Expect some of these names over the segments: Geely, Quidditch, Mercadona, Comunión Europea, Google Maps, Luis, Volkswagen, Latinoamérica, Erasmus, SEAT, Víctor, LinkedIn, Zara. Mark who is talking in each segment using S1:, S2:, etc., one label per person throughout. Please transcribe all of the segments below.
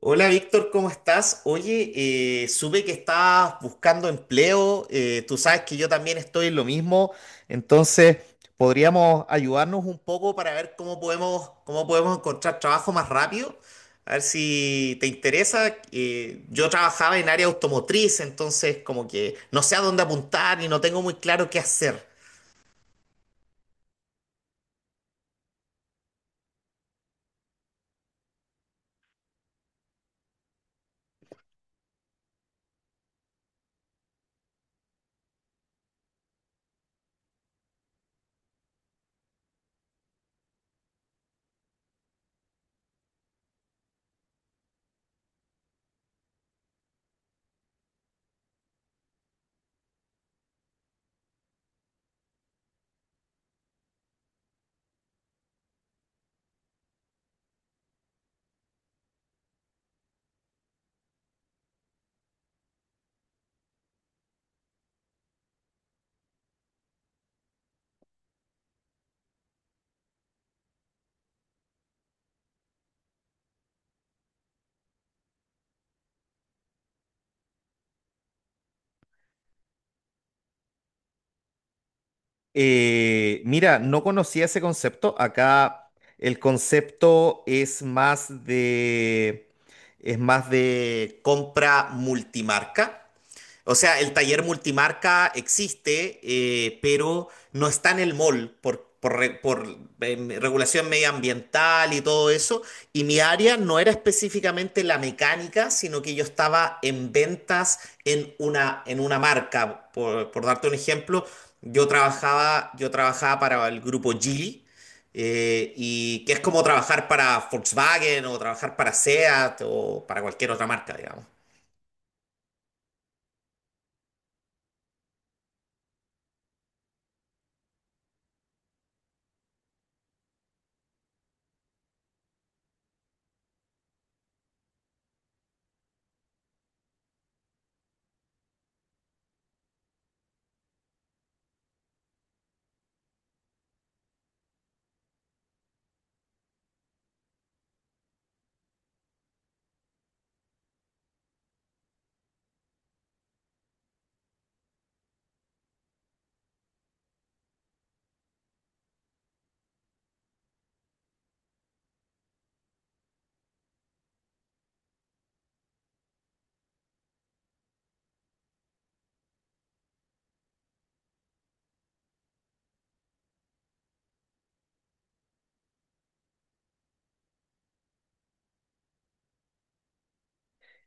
S1: Hola Víctor, ¿cómo estás? Oye, supe que estás buscando empleo, tú sabes que yo también estoy en lo mismo, entonces podríamos ayudarnos un poco para ver cómo podemos encontrar trabajo más rápido, a ver si te interesa. Yo trabajaba en área automotriz, entonces como que no sé a dónde apuntar y no tengo muy claro qué hacer. Mira, no conocía ese concepto. Acá el concepto es es más de compra multimarca. O sea, el taller multimarca existe, pero no está en el mall por regulación medioambiental y todo eso. Y mi área no era específicamente la mecánica, sino que yo estaba en ventas en en una marca. Por darte un ejemplo, yo trabajaba para el grupo Geely. Y que es como trabajar para Volkswagen o trabajar para SEAT o para cualquier otra marca, digamos.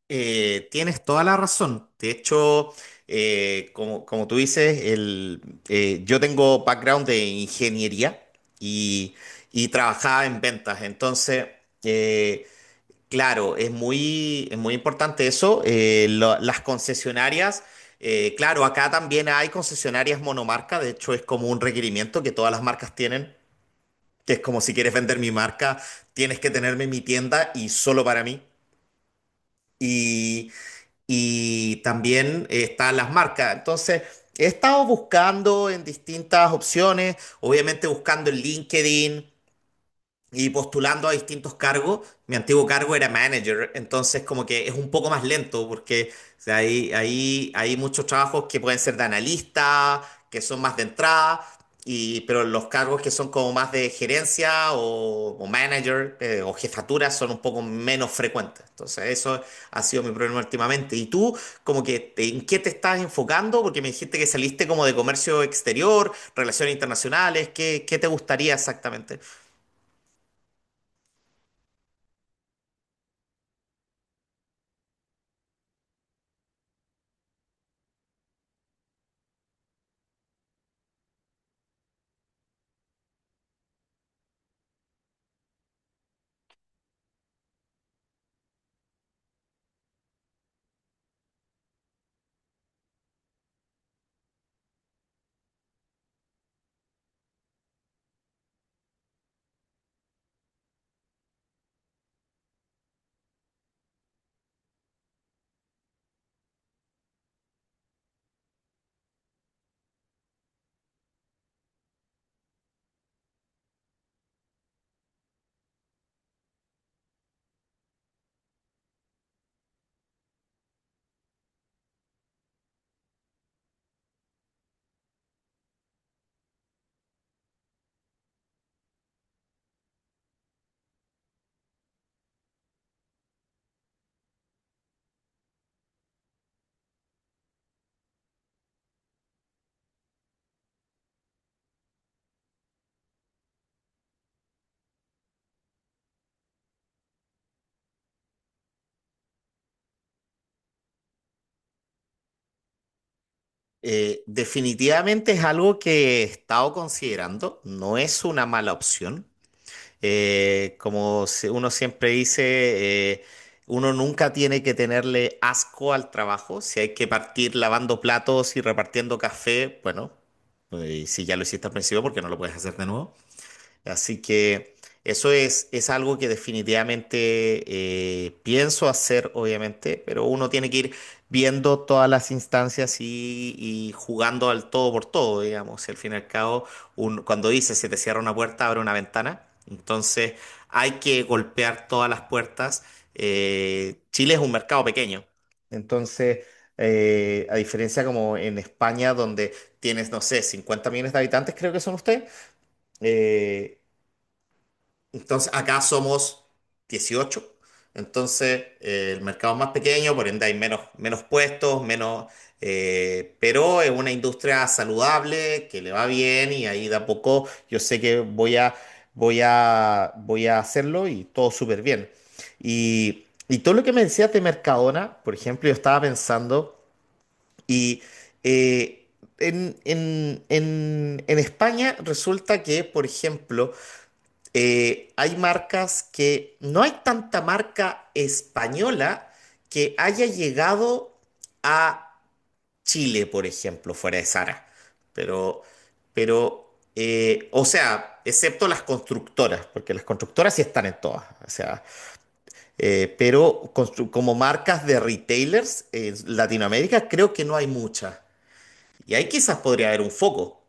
S1: Tienes toda la razón. De hecho, como tú dices, yo tengo background de ingeniería y, y trabajaba en ventas. Entonces, eh, claro, es muy importante eso. Las concesionarias, claro, acá también hay concesionarias monomarca. De hecho, es como un requerimiento que todas las marcas tienen, que es como si quieres vender mi marca, tienes que tenerme en mi tienda y solo para mí. Y, y también están las marcas. Entonces, he estado buscando en distintas opciones, obviamente buscando en LinkedIn, y postulando a distintos cargos. Mi antiguo cargo era manager, entonces como que es un poco más lento porque o sea, hay muchos trabajos que pueden ser de analista, que son más de entrada, y, pero los cargos que son como más de gerencia o manager o jefatura son un poco menos frecuentes. Entonces eso ha sido mi problema últimamente. ¿Y tú como que en qué te estás enfocando? Porque me dijiste que saliste como de comercio exterior, relaciones internacionales, ¿ qué te gustaría exactamente? Definitivamente es algo que he estado considerando, no es una mala opción. Como si- Uno siempre dice, uno nunca tiene que tenerle asco al trabajo. Si hay que partir lavando platos y repartiendo café, bueno, si ya lo hiciste al principio, ¿porque no lo puedes hacer de nuevo? Así que eso es algo que definitivamente pienso hacer, obviamente, pero uno tiene que ir viendo todas las instancias y jugando al todo por todo, digamos. Y al fin y al cabo, cuando dice se te cierra una puerta, abre una ventana. Entonces hay que golpear todas las puertas. Chile es un mercado pequeño. Entonces, a diferencia como en España, donde tienes, no sé, 50 millones de habitantes, creo que son ustedes. eh, entonces, acá somos 18. Entonces, el mercado es más pequeño, por ende hay menos, menos puestos, pero es una industria saludable, que le va bien y ahí de a poco yo sé que voy a hacerlo y todo súper bien. Y todo lo que me decías de Mercadona, por ejemplo, yo estaba pensando y... eh, en, en España resulta que, por ejemplo, hay marcas que no hay tanta marca española que haya llegado a Chile, por ejemplo, fuera de Zara. Pero, pero, o sea, excepto las constructoras, porque las constructoras sí están en todas. O sea, pero como marcas de retailers en Latinoamérica creo que no hay muchas. Y ahí quizás podría haber un foco.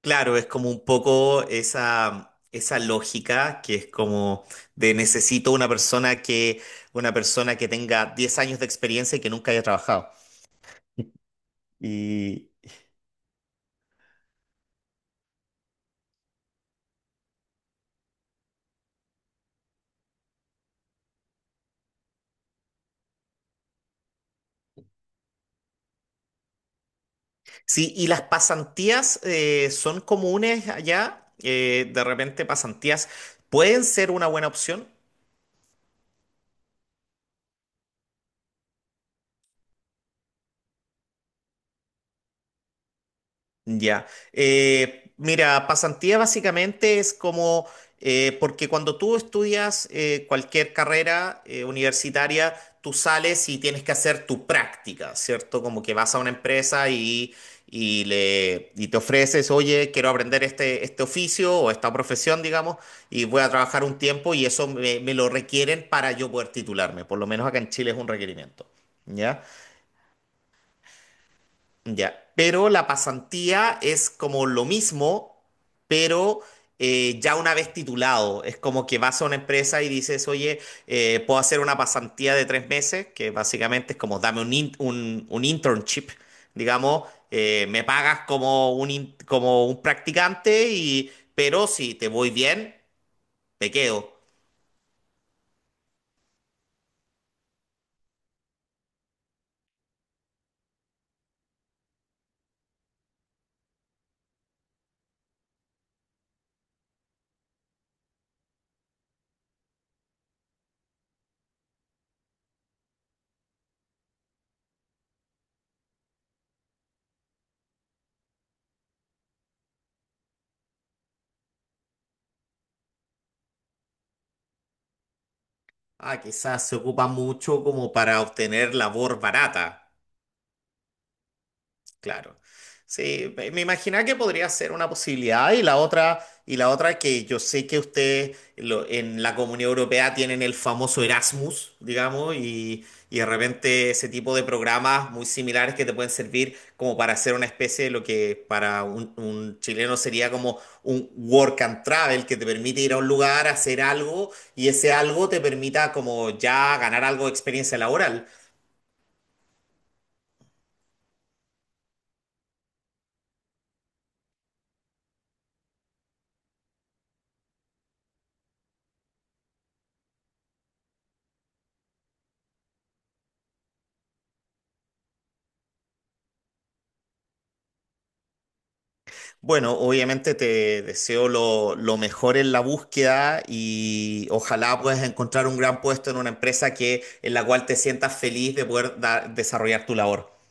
S1: Claro, es como un poco esa lógica que es como de necesito una una persona que tenga 10 años de experiencia y que nunca haya trabajado. Y sí, y las pasantías son comunes allá. De repente pasantías pueden ser una buena opción. Ya. Mira, pasantía básicamente es como, porque cuando tú estudias cualquier carrera universitaria, tú sales y tienes que hacer tu práctica, ¿cierto? Como que vas a una empresa y te ofreces, oye, quiero aprender este oficio o esta profesión, digamos, y voy a trabajar un tiempo y eso me lo requieren para yo poder titularme. Por lo menos acá en Chile es un requerimiento. ¿Ya? Ya, pero la pasantía es como lo mismo, pero ya una vez titulado. Es como que vas a una empresa y dices, oye, puedo hacer una pasantía de 3 meses, que básicamente es como dame un, un internship, digamos, me pagas como un, como un practicante, y, pero si te voy bien, te quedo. Ah, quizás se ocupa mucho como para obtener labor barata. Claro. Sí, me imaginaba que podría ser una posibilidad y la otra que yo sé que ustedes en la Comunión Europea tienen el famoso Erasmus, digamos, y de repente ese tipo de programas muy similares que te pueden servir como para hacer una especie de lo que para un chileno sería como un work and travel que te permite ir a un lugar, hacer algo y ese algo te permita como ya ganar algo de experiencia laboral. Bueno, obviamente te deseo lo mejor en la búsqueda y ojalá puedas encontrar un gran puesto en una empresa que, en la cual te sientas feliz de poder desarrollar tu labor.